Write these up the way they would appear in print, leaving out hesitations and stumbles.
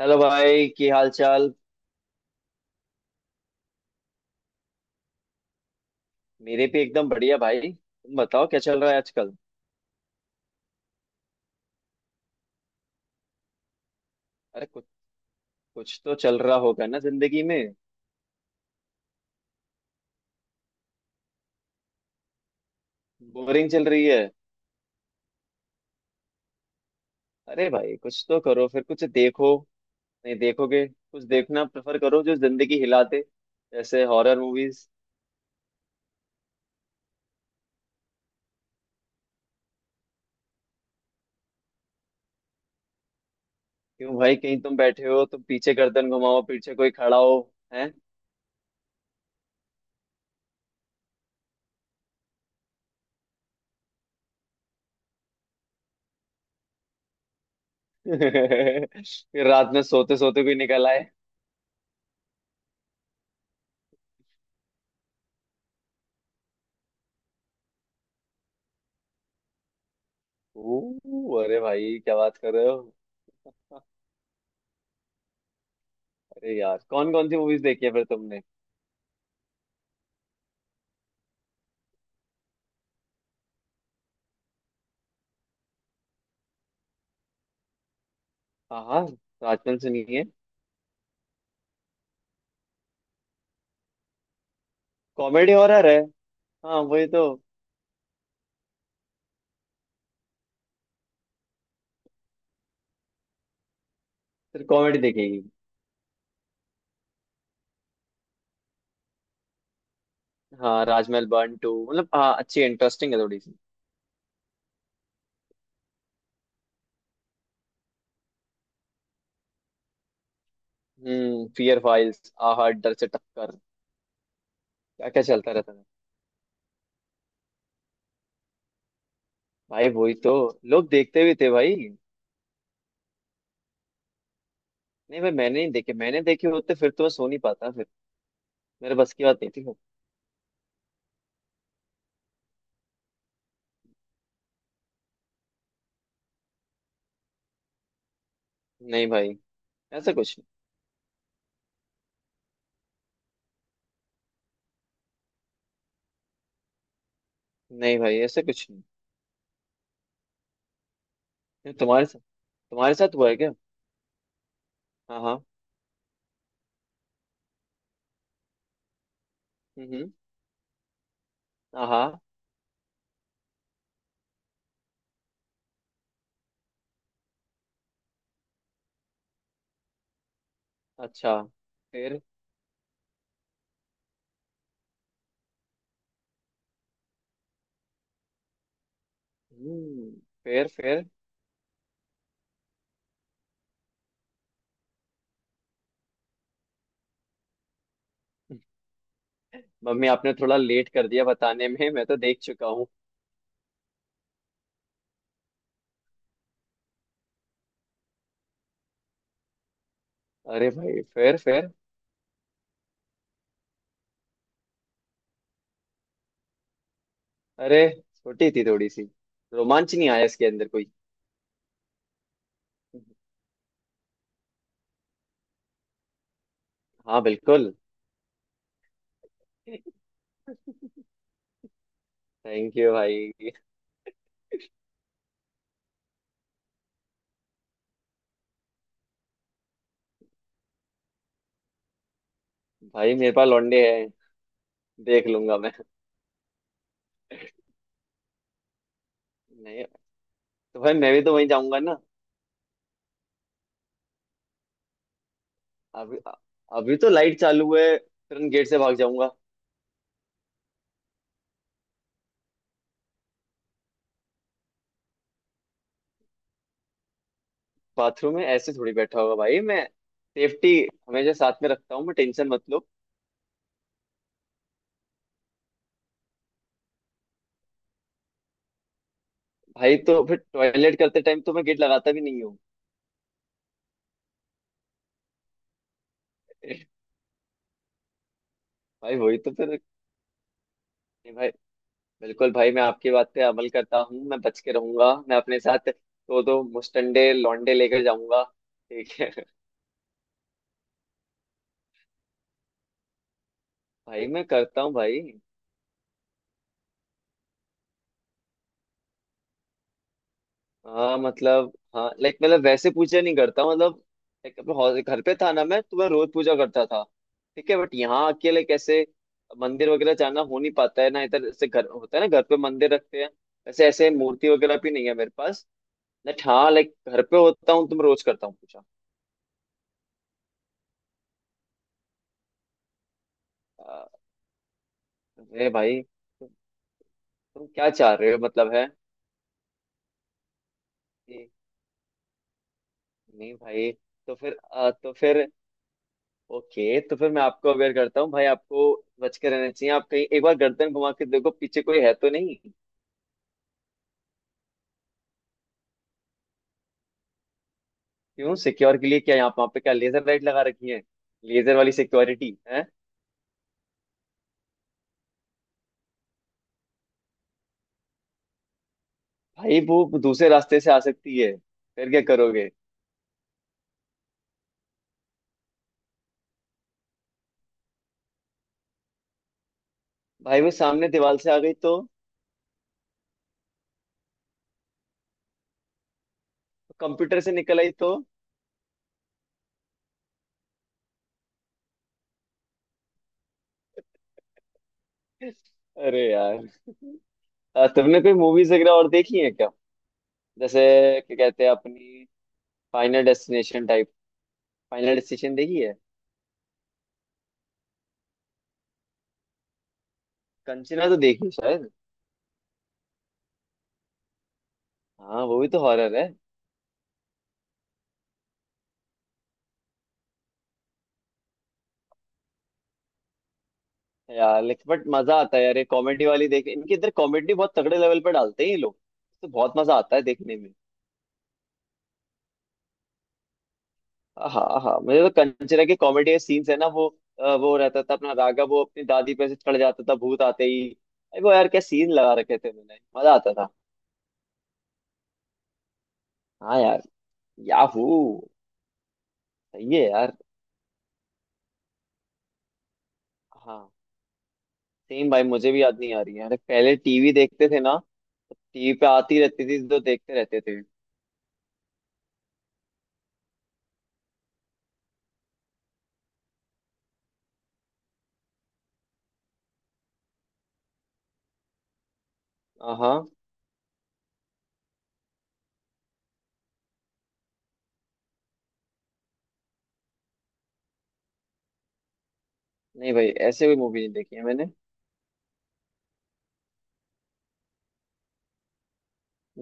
Hello भाई। की हाल चाल। मेरे भी एकदम बढ़िया भाई तुम बताओ क्या चल रहा है आजकल। अरे कुछ कुछ तो चल रहा होगा ना जिंदगी में। बोरिंग चल रही है। अरे भाई कुछ तो करो फिर कुछ देखो। नहीं देखोगे कुछ देखना प्रेफर करो जो जिंदगी हिला दे। जैसे हॉरर मूवीज। क्यों भाई कहीं तुम बैठे हो तुम पीछे गर्दन घुमाओ पीछे कोई खड़ा हो। हैं। फिर रात में सोते सोते कोई निकल आए। ओ अरे भाई क्या बात कर रहे हो। अरे यार कौन कौन सी मूवीज देखी है फिर। हाँ हाँ। राजमहल सुनी है। कॉमेडी हॉरर है। हाँ वही तो। फिर कॉमेडी देखेगी। हाँ राजमहल वन टू मतलब हाँ अच्छी इंटरेस्टिंग है थोड़ी सी। हम्म। फियर फाइल्स आहा डर से टक्कर। क्या क्या चलता रहता था। भाई वही तो। लोग देखते भी थे भाई। नहीं भाई मैंने नहीं देखे मैंने देखे होते फिर तो मैं सो नहीं पाता फिर। मेरे बस की बात नहीं थी वो। नहीं भाई ऐसा कुछ नहीं। नहीं भाई ऐसा कुछ नहीं। ये तुम्हारे साथ। तुम्हारे साथ हुआ है क्या। हाँ हाँ। हम्म। हाँ। अच्छा। फिर। हम्म। फिर फिर। मम्मी आपने थोड़ा लेट कर दिया बताने में मैं तो देख चुका हूँ। अरे भाई फिर फिर। अरे छोटी थी थोड़ी सी। रोमांच नहीं आया इसके अंदर कोई। हाँ बिल्कुल। थैंक यू भाई। भाई मेरे पास लौंडे हैं। देख लूंगा मैं। नहीं। तो भाई मैं भी तो वहीं जाऊंगा ना। अभी। अभी तो लाइट चालू है। तुरंत गेट से भाग जाऊंगा। बाथरूम में ऐसे थोड़ी बैठा होगा भाई मैं। सेफ्टी हमेशा साथ में रखता हूँ मैं। टेंशन मत लो। भाई तो फिर टॉयलेट करते टाइम तो मैं गेट लगाता भी नहीं हूँ। भाई वही तो फिर नहीं। भाई बिल्कुल भाई मैं आपकी बात पे अमल करता हूँ। मैं बच के रहूंगा। मैं अपने साथ दो दो मुस्टंडे लौंडे लेकर जाऊंगा। ठीक है। भाई मैं करता हूँ भाई। हाँ मतलब हाँ लाइक मतलब वैसे पूजा नहीं करता हूँ, मतलब लाइक अपने घर पे था ना मैं तो मैं रोज पूजा करता था। ठीक है बट यहाँ अकेले कैसे। मंदिर वगैरह जाना हो नहीं पाता है ना इधर से। घर होता है ना घर पे मंदिर रखते हैं। वैसे ऐसे मूर्ति वगैरह भी नहीं है मेरे पास। बट हाँ लाइक घर पे होता हूँ तो मैं रोज करता हूँ पूजा। हाँ। अरे भाई तुम क्या चाह रहे हो मतलब है। कि नहीं भाई। तो फिर तो फिर ओके तो फिर मैं आपको अवेयर करता हूँ भाई। आपको बच के रहना चाहिए। आप कहीं एक बार गर्दन घुमा के देखो पीछे कोई है तो नहीं। क्यों सिक्योर के लिए क्या यहाँ वहाँ पे क्या लेजर लाइट लगा रखी है। लेजर वाली सिक्योरिटी है। भाई वो दूसरे रास्ते से आ सकती है। फिर क्या करोगे। भाई वो सामने दीवार से आ गई तो। कंप्यूटर से निकल आई तो। अरे यार तुमने कोई मूवीज वगैरह और देखी है क्या। जैसे क्या कहते हैं अपनी Final Destination type. Final Destination देखी है। कंचना तो देखी है शायद। हाँ वो भी तो हॉरर है। यार लेकिन बट मजा आता है यार ये कॉमेडी वाली देख। इनके इधर कॉमेडी बहुत तगड़े लेवल पर डालते हैं ये लोग। तो बहुत मजा आता है देखने में। हाँ हाँ मुझे तो कंचना के कॉमेडी के सीन्स है ना वो वो रहता था अपना राघव वो अपनी दादी पे से चढ़ जाता था भूत आते ही। अरे वो यार क्या सीन लगा रखे थे। मैंने मजा आता था। हाँ यार। याहू। सही है यार। हाँ सेम भाई मुझे भी याद नहीं आ रही है। अरे पहले टीवी देखते थे ना तो टीवी पे आती रहती थी तो देखते रहते थे। हाँ। नहीं भाई ऐसे कोई मूवी नहीं देखी है मैंने।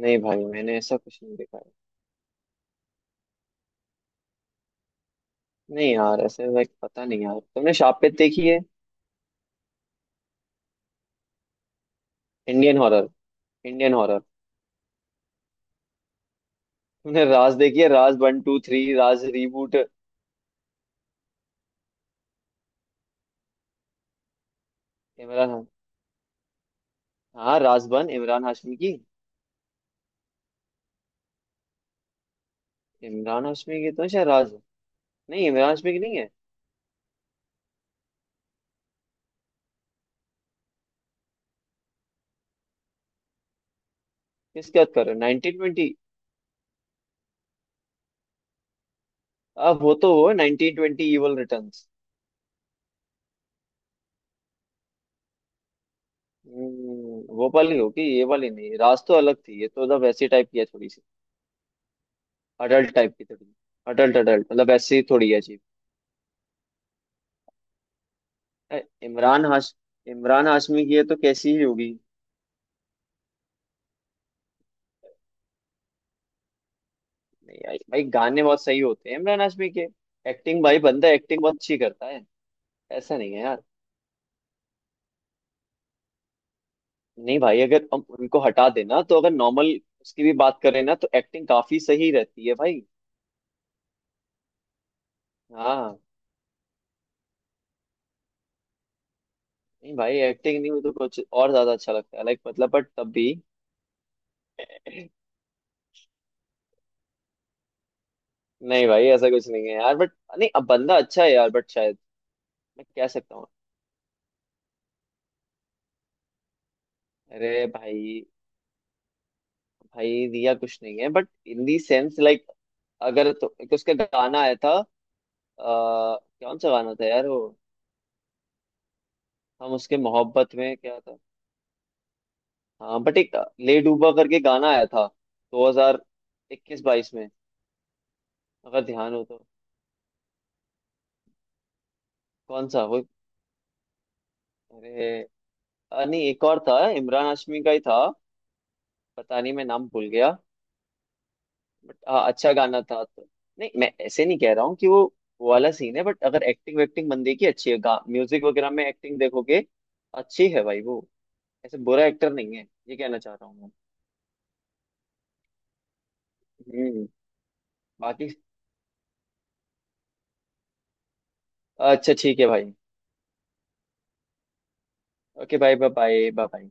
नहीं भाई मैंने ऐसा कुछ नहीं देखा है। नहीं यार ऐसे लाइक पता नहीं यार तुमने शापित देखी है। Indian horror. Indian horror. तुमने राज देखी है Raaz one two three Raaz reboot. Imran हा- हाँ राज वन इमरान हाशमी की। इमरान हाशमी की तो शायद राज है। नहीं इमरान हाशमी की नहीं है। किसकी बात कर रहे हो नाइनटीन ट्वेंटी। अब वो तो वो नाइनटीन ट्वेंटी इवल रिटर्न्स। वो वाली होगी ये वाली नहीं। राज तो अलग थी ये तो मतलब वैसी टाइप की है थोड़ी सी। अडल्ट टाइप की थोड़ी। अडल्ट अडल्ट मतलब ऐसी थोड़ी है अजीब। अ, इमरान हाश इमरान हाशमी की है तो कैसी ही होगी। नहीं यार, भाई गाने बहुत सही होते हैं इमरान हाशमी के। एक्टिंग भाई बंदा एक्टिंग बहुत अच्छी करता है। ऐसा नहीं है यार। नहीं भाई अगर हम उनको हटा देना तो अगर नॉर्मल उसकी भी बात करें ना तो एक्टिंग काफी सही रहती है भाई। हाँ। नहीं भाई एक्टिंग नहीं वो तो कुछ और ज्यादा अच्छा लगता है लाइक मतलब बट तब भी। नहीं भाई ऐसा कुछ नहीं है यार बट नहीं अब बंदा अच्छा है यार बट शायद मैं कह सकता हूँ। अरे भाई भाई दिया कुछ नहीं है but in the sense like अगर तो एक तो उसका गाना आया था आ, कौन सा गाना था यार वो। हम उसके मोहब्बत में क्या था। हाँ बट एक ले डूबा करके गाना आया था 2021 22 में अगर ध्यान हो तो। कौन सा वो। अरे नहीं एक और था इमरान हाशमी का ही था। पता नहीं मैं नाम भूल गया। बट अच्छा गाना था तो। नहीं मैं ऐसे नहीं कह रहा हूँ कि वो वाला सीन है। बट अगर एक्टिंग वैक्टिंग बंदे की अच्छी है म्यूजिक वगैरह में एक्टिंग देखोगे अच्छी है भाई वो। ऐसे बुरा एक्टर नहीं है ये कहना चाह रहा हूँ मैं। हम्म। बाकी अच्छा ठीक है भाई। Okay bye bye bye bye.